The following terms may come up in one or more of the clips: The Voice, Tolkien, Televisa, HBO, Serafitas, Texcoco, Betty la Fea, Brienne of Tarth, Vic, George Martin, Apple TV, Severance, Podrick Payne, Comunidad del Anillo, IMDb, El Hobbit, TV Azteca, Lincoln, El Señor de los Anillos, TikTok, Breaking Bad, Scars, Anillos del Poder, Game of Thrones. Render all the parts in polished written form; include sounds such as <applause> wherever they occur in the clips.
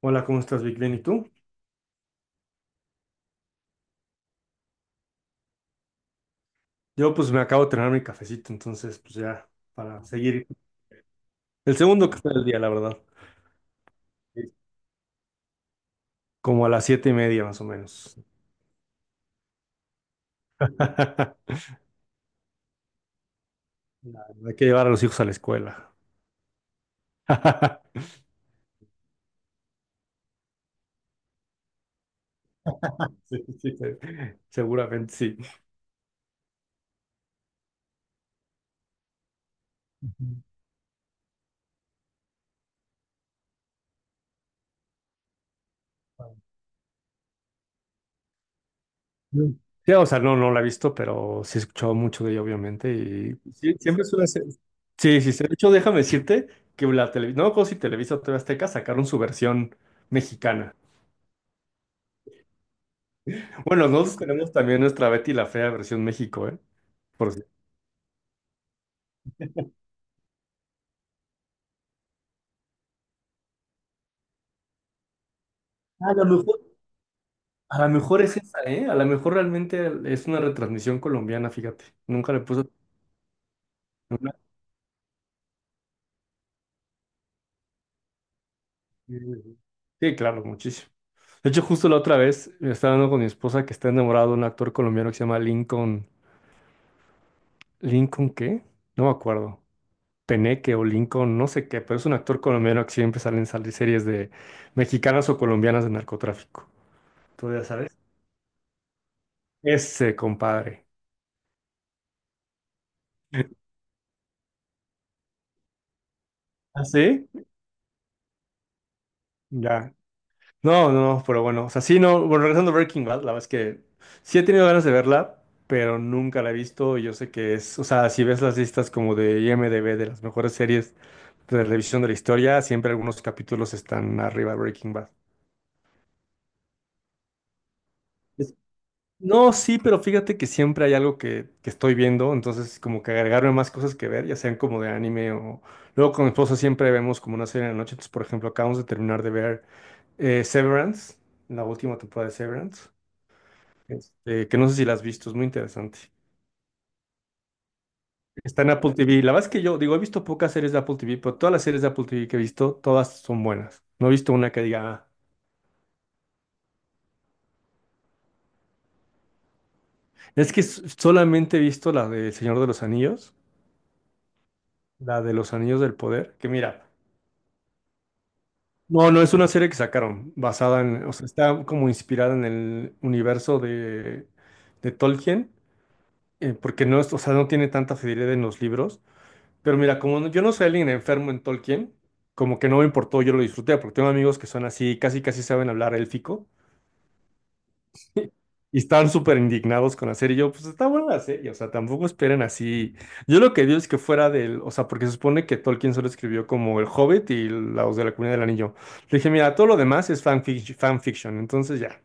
Hola, ¿cómo estás, Vic? Bien, ¿y tú? Yo pues me acabo de terminar mi cafecito, entonces pues ya para seguir. El segundo café del día, la verdad. Sí. Como a las 7:30 más o menos. <laughs> No, hay que llevar a los hijos a la escuela. <laughs> Sí, sí, sí. Seguramente sí. Mm. Sí, o sea, no, no la he visto, pero sí he escuchado mucho de ella, obviamente. Y sí, siempre suele ser. Sí, sí, sí. De hecho, déjame decirte que la televisión, no me acuerdo si Televisa o TV Azteca sacaron su versión mexicana. Bueno, nosotros tenemos también nuestra Betty la Fea versión México, ¿eh? Por si- A lo mejor, a lo mejor es esa, ¿eh? A lo mejor realmente es una retransmisión colombiana, fíjate. Nunca le puse. una- Sí, claro, muchísimo. De hecho, justo la otra vez estaba hablando con mi esposa que está enamorado de un actor colombiano que se llama Lincoln. ¿Lincoln qué? No me acuerdo. Peneque o Lincoln, no sé qué, pero es un actor colombiano que siempre sale en series de mexicanas o colombianas de narcotráfico. Tú ya sabes. Ese, compadre. ¿Ah, sí? Ya. No, no, no, pero bueno, o sea, sí, no, bueno, regresando a Breaking Bad, la verdad es que sí he tenido ganas de verla, pero nunca la he visto y yo sé que es, o sea, si ves las listas como de IMDb de las mejores series de revisión de la historia, siempre algunos capítulos están arriba de Breaking Bad. Es- No, sí, pero fíjate que siempre hay algo que estoy viendo, entonces como que agregarme más cosas que ver, ya sean como de anime o... Luego con mi esposa siempre vemos como una serie en la noche, entonces por ejemplo acabamos de terminar de ver Severance, la última temporada de Severance. Este, que no sé si la has visto, es muy interesante. Está en Apple TV. La verdad es que yo, digo, he visto pocas series de Apple TV, pero todas las series de Apple TV que he visto, todas son buenas. No he visto una que diga, "Ah". Es que solamente he visto la de El Señor de los Anillos, la de los Anillos del Poder, que mira, no, no, es una serie que sacaron, basada en, o sea, está como inspirada en el universo de, Tolkien, porque no es, o sea, no tiene tanta fidelidad en los libros. Pero mira, como yo no soy alguien enfermo en Tolkien, como que no me importó, yo lo disfruté, porque tengo amigos que son así, casi casi saben hablar élfico, y estaban súper indignados con la serie. Y yo, pues está buena la serie, o sea, tampoco esperen así. Yo lo que digo es que fuera del, o sea, porque se supone que Tolkien solo escribió como El Hobbit y los de la Comunidad del Anillo. Le dije, mira, todo lo demás es fanfiction, entonces ya,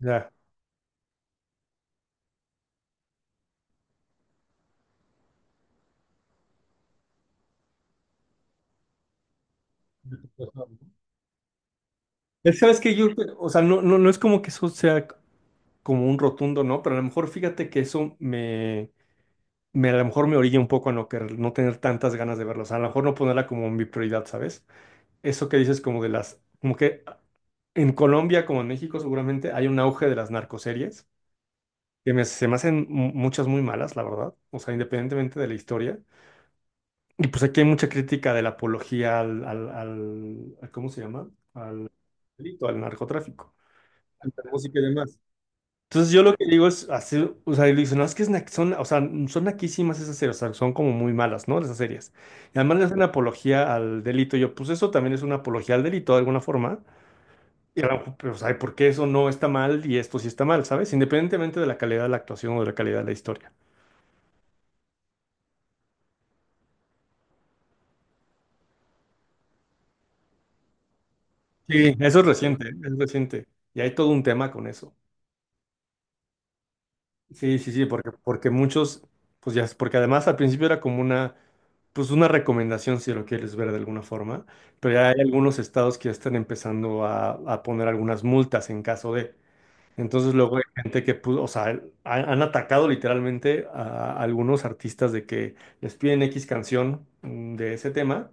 ya. Sabes que yo, o sea, no, no, no es como que eso sea como un rotundo, ¿no? Pero a lo mejor fíjate que eso a lo mejor me orilla un poco a no, no tener tantas ganas de verlos, a lo mejor no ponerla como mi prioridad, ¿sabes? Eso que dices como de las, como que en Colombia como en México seguramente hay un auge de las narcoseries, se me hacen muchas muy malas, la verdad, o sea, independientemente de la historia. Y pues aquí hay mucha crítica de la apología ¿cómo se llama? Al delito, al narcotráfico, al música y demás. Entonces yo lo que digo es hacer, o sea, y le dicen, no, es que es son, o sea, son naquísimas esas series, o sea, son como muy malas, ¿no? Esas series. Y además le hacen apología al delito. Y yo, pues eso también es una apología al delito de alguna forma. Y a lo mejor, pero, o sea, ¿por qué eso no está mal y esto sí está mal? ¿Sabes? Independientemente de la calidad de la actuación o de la calidad de la historia. Sí. Eso es reciente, es reciente. Y hay todo un tema con eso. Sí, sí, sí, porque muchos, pues ya, porque además al principio era como una, pues una recomendación si lo quieres ver de alguna forma, pero ya hay algunos estados que ya están empezando a poner algunas multas en caso de. Entonces luego hay gente que, o sea, han atacado literalmente a, algunos artistas de que les piden X canción de ese tema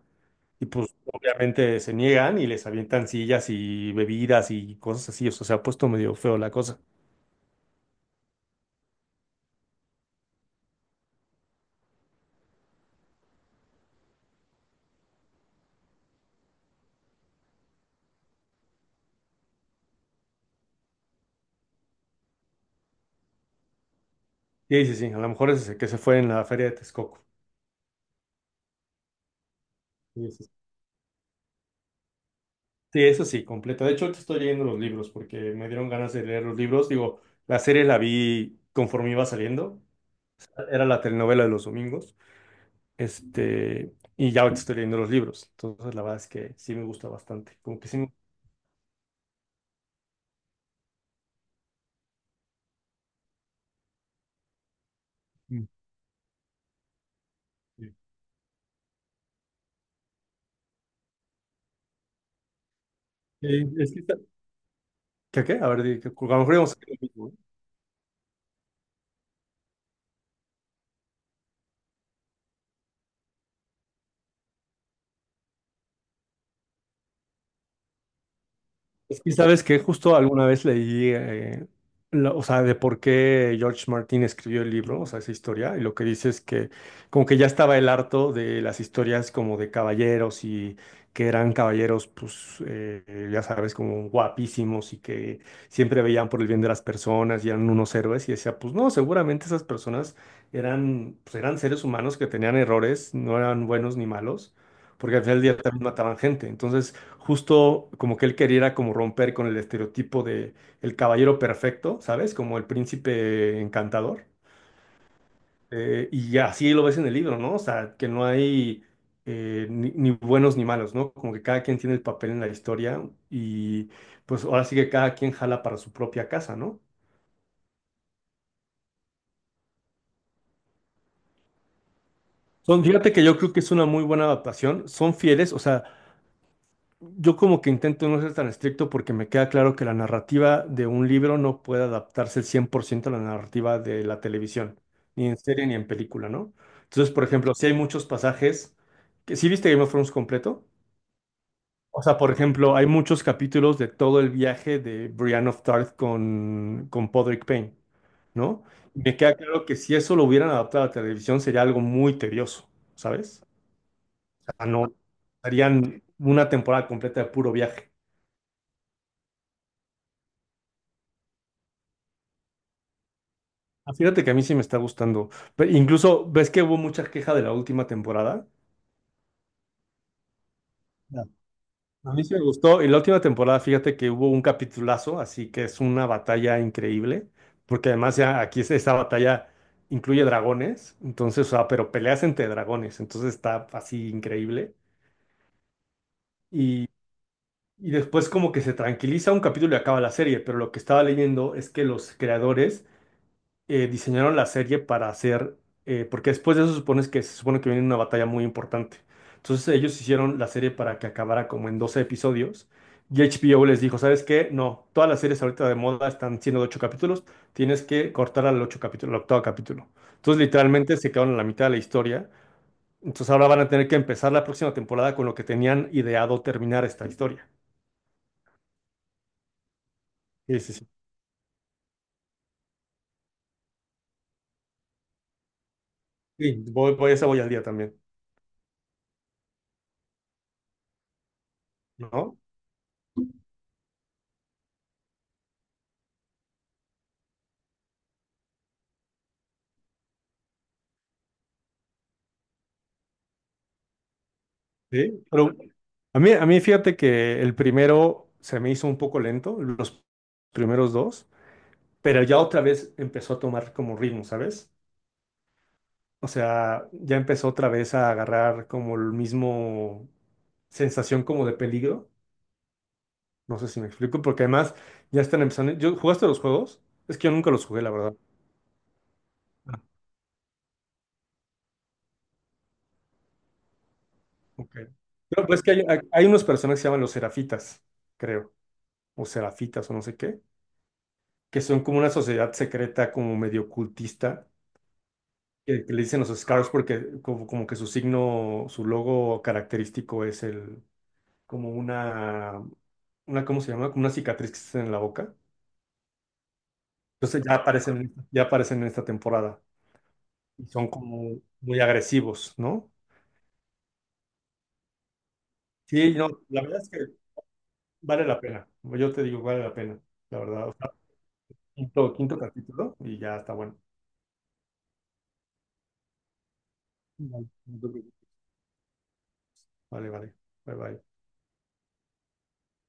y pues obviamente se niegan y les avientan sillas y bebidas y cosas así, o sea, se ha puesto medio feo la cosa. Sí, sí, sí, a lo mejor es el que se fue en la feria de Texcoco. Sí, eso sí, Sí, eso sí, completo. De hecho, ahorita estoy leyendo los libros porque me dieron ganas de leer los libros. Digo, la serie la vi conforme iba saliendo. Era la telenovela de los domingos. Este, y ya ahorita estoy leyendo los libros. Entonces, la verdad es que sí me gusta bastante. Como que sí me... Mm. Sí, es que ¿Qué, qué? A ver, a lo mejor íbamos a hacer lo mismo, ¿eh? Es que, ¿sabes que justo alguna vez leí, o sea, de por qué George Martin escribió el libro, o sea, esa historia, y lo que dice es que como que ya estaba el harto de las historias como de caballeros y que eran caballeros, pues, ya sabes, como guapísimos y que siempre veían por el bien de las personas y eran unos héroes, y decía, pues no, seguramente esas personas eran, pues, eran seres humanos que tenían errores, no eran buenos ni malos, porque al final del día también mataban gente, entonces justo como que él quería como romper con el estereotipo de el caballero perfecto, ¿sabes? Como el príncipe encantador. Y así lo ves en el libro, ¿no? O sea, que no hay ni buenos ni malos, ¿no? Como que cada quien tiene el papel en la historia y pues ahora sí que cada quien jala para su propia casa, ¿no? Son, fíjate que yo creo que es una muy buena adaptación, son fieles, o sea... Yo como que intento no ser tan estricto porque me queda claro que la narrativa de un libro no puede adaptarse al 100% a la narrativa de la televisión, ni en serie ni en película, ¿no? Entonces, por ejemplo, si hay muchos pasajes que sí viste Game of Thrones completo. O sea, por ejemplo, hay muchos capítulos de todo el viaje de Brienne of Tarth con, Podrick Payne, ¿no? Me queda claro que si eso lo hubieran adaptado a la televisión sería algo muy tedioso, ¿sabes? O sea, no, harían una temporada completa de puro viaje. Ah, fíjate que a mí sí me está gustando. Incluso, ¿ves que hubo mucha queja de la última temporada? Ya. A mí sí me gustó. Y la última temporada, fíjate que hubo un capitulazo, así que es una batalla increíble, porque además ya aquí esta batalla incluye dragones, entonces, o sea, pero peleas entre dragones, entonces está así increíble. Y, y después como que se tranquiliza un capítulo y acaba la serie, pero lo que estaba leyendo es que los creadores diseñaron la serie para hacer, porque después de eso supones que se supone que viene una batalla muy importante. Entonces ellos hicieron la serie para que acabara como en 12 episodios y HBO les dijo, ¿sabes qué? No, todas las series ahorita de moda están siendo de 8 capítulos, tienes que cortar al 8 capítulo, al octavo capítulo. Entonces literalmente se quedaron en la mitad de la historia. Entonces ahora van a tener que empezar la próxima temporada con lo que tenían ideado terminar esta historia. Sí, sí, sí. Sí, esa voy al día también, ¿no? Sí, pero a mí fíjate que el primero se me hizo un poco lento, los primeros dos, pero ya otra vez empezó a tomar como ritmo, ¿sabes? O sea, ya empezó otra vez a agarrar como el mismo sensación como de peligro. No sé si me explico, porque además ya están empezando. ¿Yo, jugaste los juegos? Es que yo nunca los jugué, la verdad. Ok. Pero pues que hay unos personajes que se llaman los Serafitas, creo, o Serafitas o no sé qué, que son como una sociedad secreta, como medio cultista que le dicen los Scars porque como que su signo, su logo característico es el, como una, ¿cómo se llama? Como una cicatriz que está en la boca. Entonces ya aparecen en esta temporada y son como muy agresivos, ¿no? Sí, no, la verdad es que vale la pena. Yo te digo, vale la pena, la verdad. O sea, quinto capítulo y ya está bueno. Vale, no vale. Vale. Bye bye.